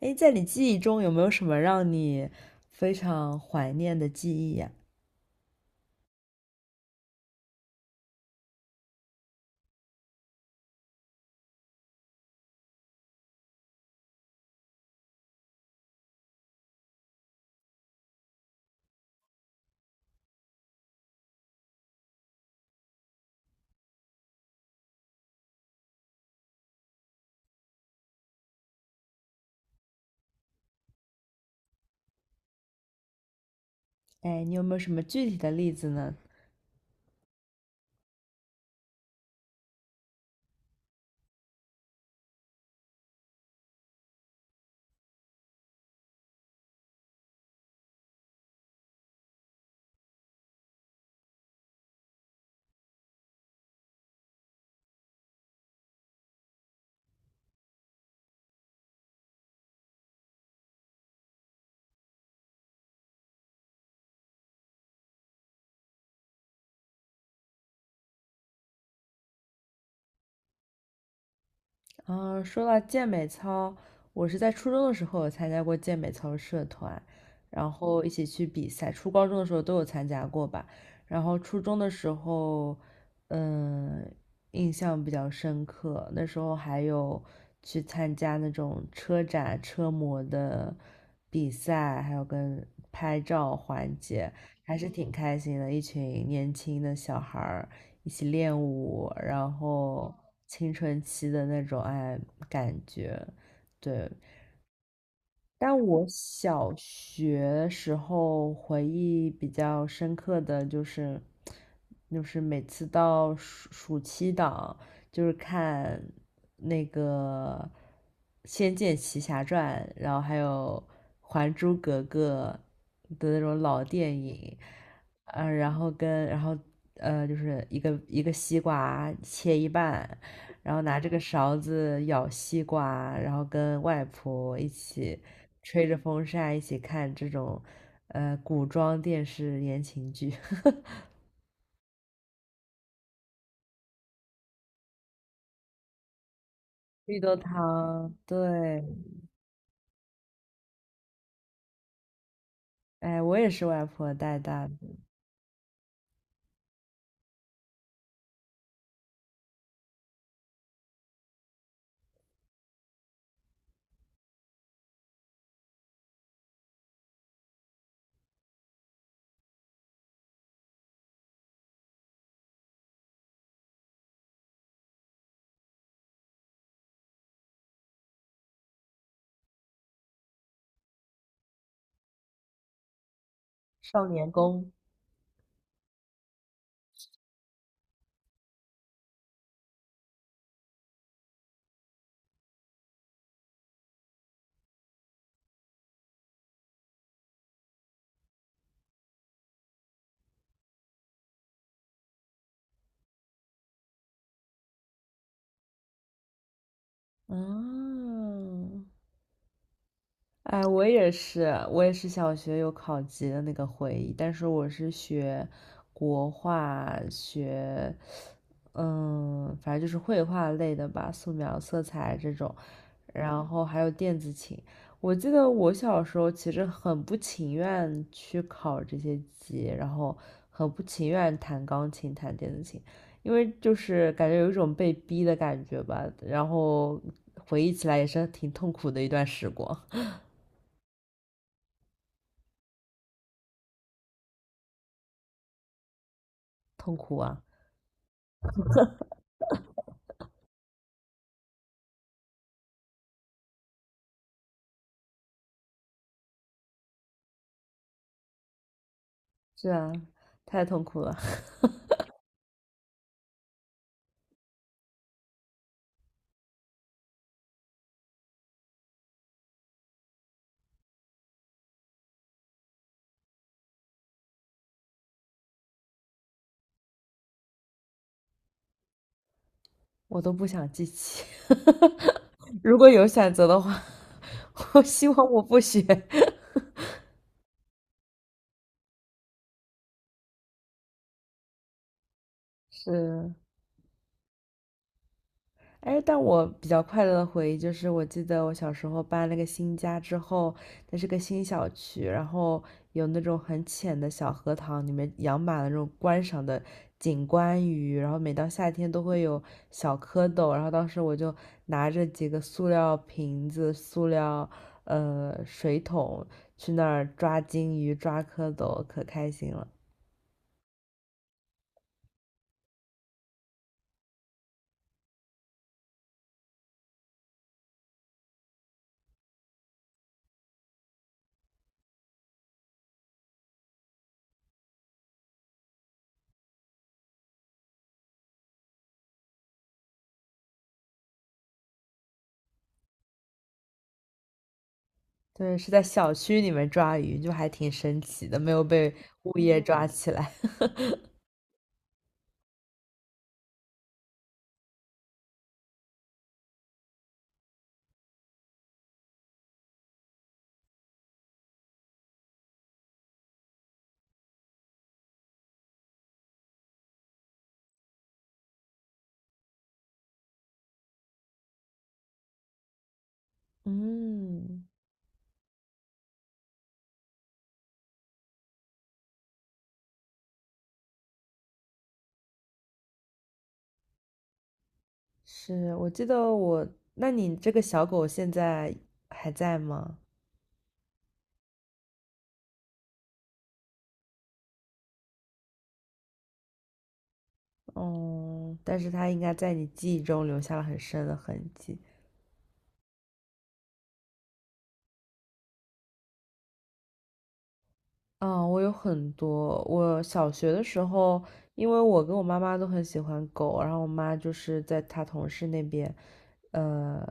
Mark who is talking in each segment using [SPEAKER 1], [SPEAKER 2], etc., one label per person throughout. [SPEAKER 1] 哎，在你记忆中有没有什么让你非常怀念的记忆呀？哎，你有没有什么具体的例子呢？啊，说到健美操，我是在初中的时候有参加过健美操社团，然后一起去比赛。初高中的时候都有参加过吧。然后初中的时候，嗯，印象比较深刻。那时候还有去参加那种车展、车模的比赛，还有跟拍照环节，还是挺开心的。一群年轻的小孩儿，一起练舞，然后青春期的那种感觉，对，但我小学时候回忆比较深刻的就是，每次到暑期档，就是看那个《仙剑奇侠传》，然后还有《还珠格格》的那种老电影，然后跟然后就是一个一个西瓜切一半，然后拿这个勺子舀西瓜，然后跟外婆一起吹着风扇，一起看这种古装电视言情剧，绿豆汤，对，哎，我也是外婆带大的，《少年宫》嗯。哎，我也是小学有考级的那个回忆，但是我是学国画，反正就是绘画类的吧，素描、色彩这种，然后还有电子琴。我记得我小时候其实很不情愿去考这些级，然后很不情愿弹钢琴、弹电子琴，因为就是感觉有一种被逼的感觉吧，然后回忆起来也是挺痛苦的一段时光。痛苦啊！是啊，太痛苦了，我都不想记起。如果有选择的话，我希望我不学。是，哎，但我比较快乐的回忆就是，我记得我小时候搬了个新家之后，那是个新小区，然后有那种很浅的小荷塘，里面养满了那种观赏的景观鱼，然后每到夏天都会有小蝌蚪，然后当时我就拿着几个塑料瓶子、塑料水桶去那儿抓金鱼、抓蝌蚪，可开心了。对，是在小区里面抓鱼，就还挺神奇的，没有被物业抓起来。嗯，是，我记得我，那你这个小狗现在还在吗？哦，但是它应该在你记忆中留下了很深的痕迹。啊，我有很多。我小学的时候，因为我跟我妈妈都很喜欢狗，然后我妈就是在她同事那边，呃，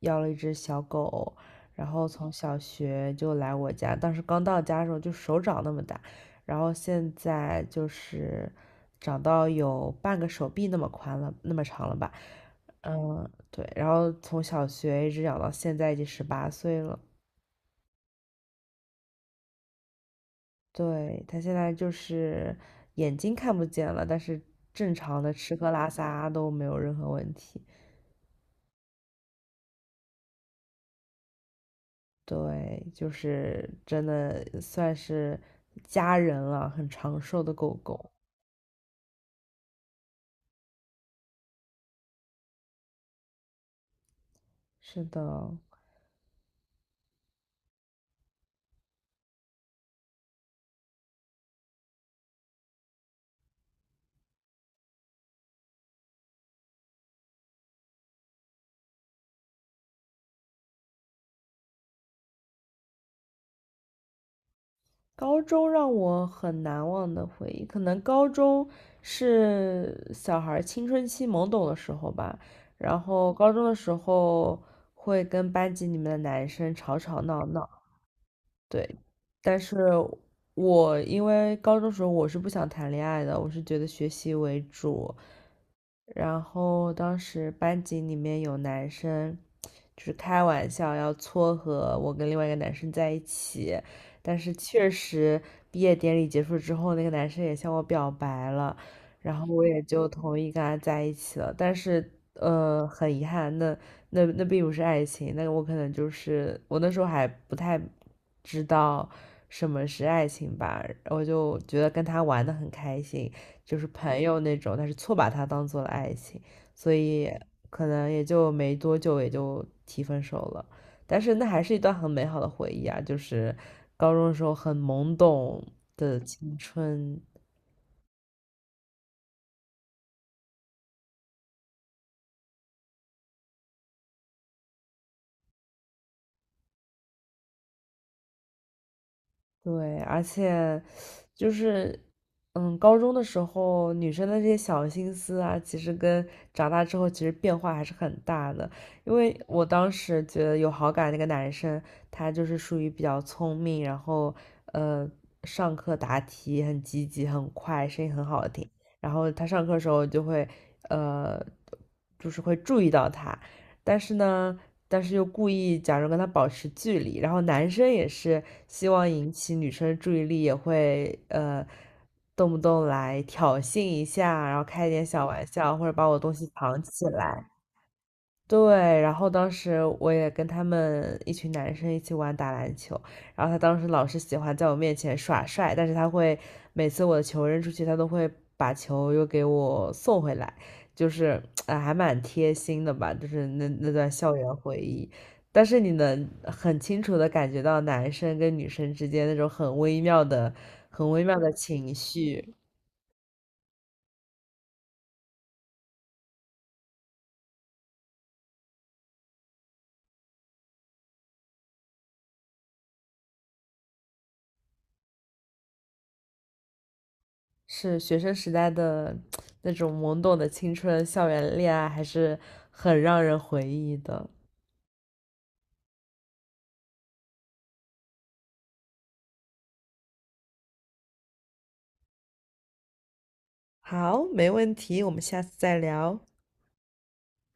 [SPEAKER 1] 要了一只小狗，然后从小学就来我家。当时刚到家的时候就手掌那么大，然后现在就是长到有半个手臂那么宽了，那么长了吧？嗯，对。然后从小学一直养到现在，已经18岁了。对，他现在就是眼睛看不见了，但是正常的吃喝拉撒都没有任何问题。对，就是真的算是家人了，很长寿的狗狗。是的，高中让我很难忘的回忆，可能高中是小孩儿青春期懵懂的时候吧。然后高中的时候会跟班级里面的男生吵吵闹闹。对，但是我因为高中时候我是不想谈恋爱的，我是觉得学习为主。然后当时班级里面有男生，就是开玩笑要撮合我跟另外一个男生在一起，但是确实毕业典礼结束之后，那个男生也向我表白了，然后我也就同意跟他在一起了。但是很遗憾，那并不是爱情，那我可能就是我那时候还不太知道什么是爱情吧，我就觉得跟他玩的很开心，就是朋友那种，但是错把他当做了爱情，所以可能也就没多久也就提分手了。但是那还是一段很美好的回忆啊，就是高中的时候很懵懂的青春，对，而且。就是高中的时候女生的这些小心思啊，其实跟长大之后其实变化还是很大的。因为我当时觉得有好感那个男生，他就是属于比较聪明，然后呃，上课答题很积极、很快，声音很好听。然后他上课的时候就会呃，就是会注意到他，但是呢，但是又故意假装跟他保持距离，然后男生也是希望引起女生的注意力，也会动不动来挑衅一下，然后开一点小玩笑，或者把我东西藏起来。对，然后当时我也跟他们一群男生一起玩打篮球，然后他当时老是喜欢在我面前耍帅，但是他会每次我的球扔出去，他都会把球又给我送回来，就是哎，还蛮贴心的吧，就是那段校园回忆。但是你能很清楚的感觉到男生跟女生之间那种很微妙的、很微妙的情绪，是学生时代的那种懵懂的青春，校园恋爱还是很让人回忆的。好，没问题，我们下次再聊。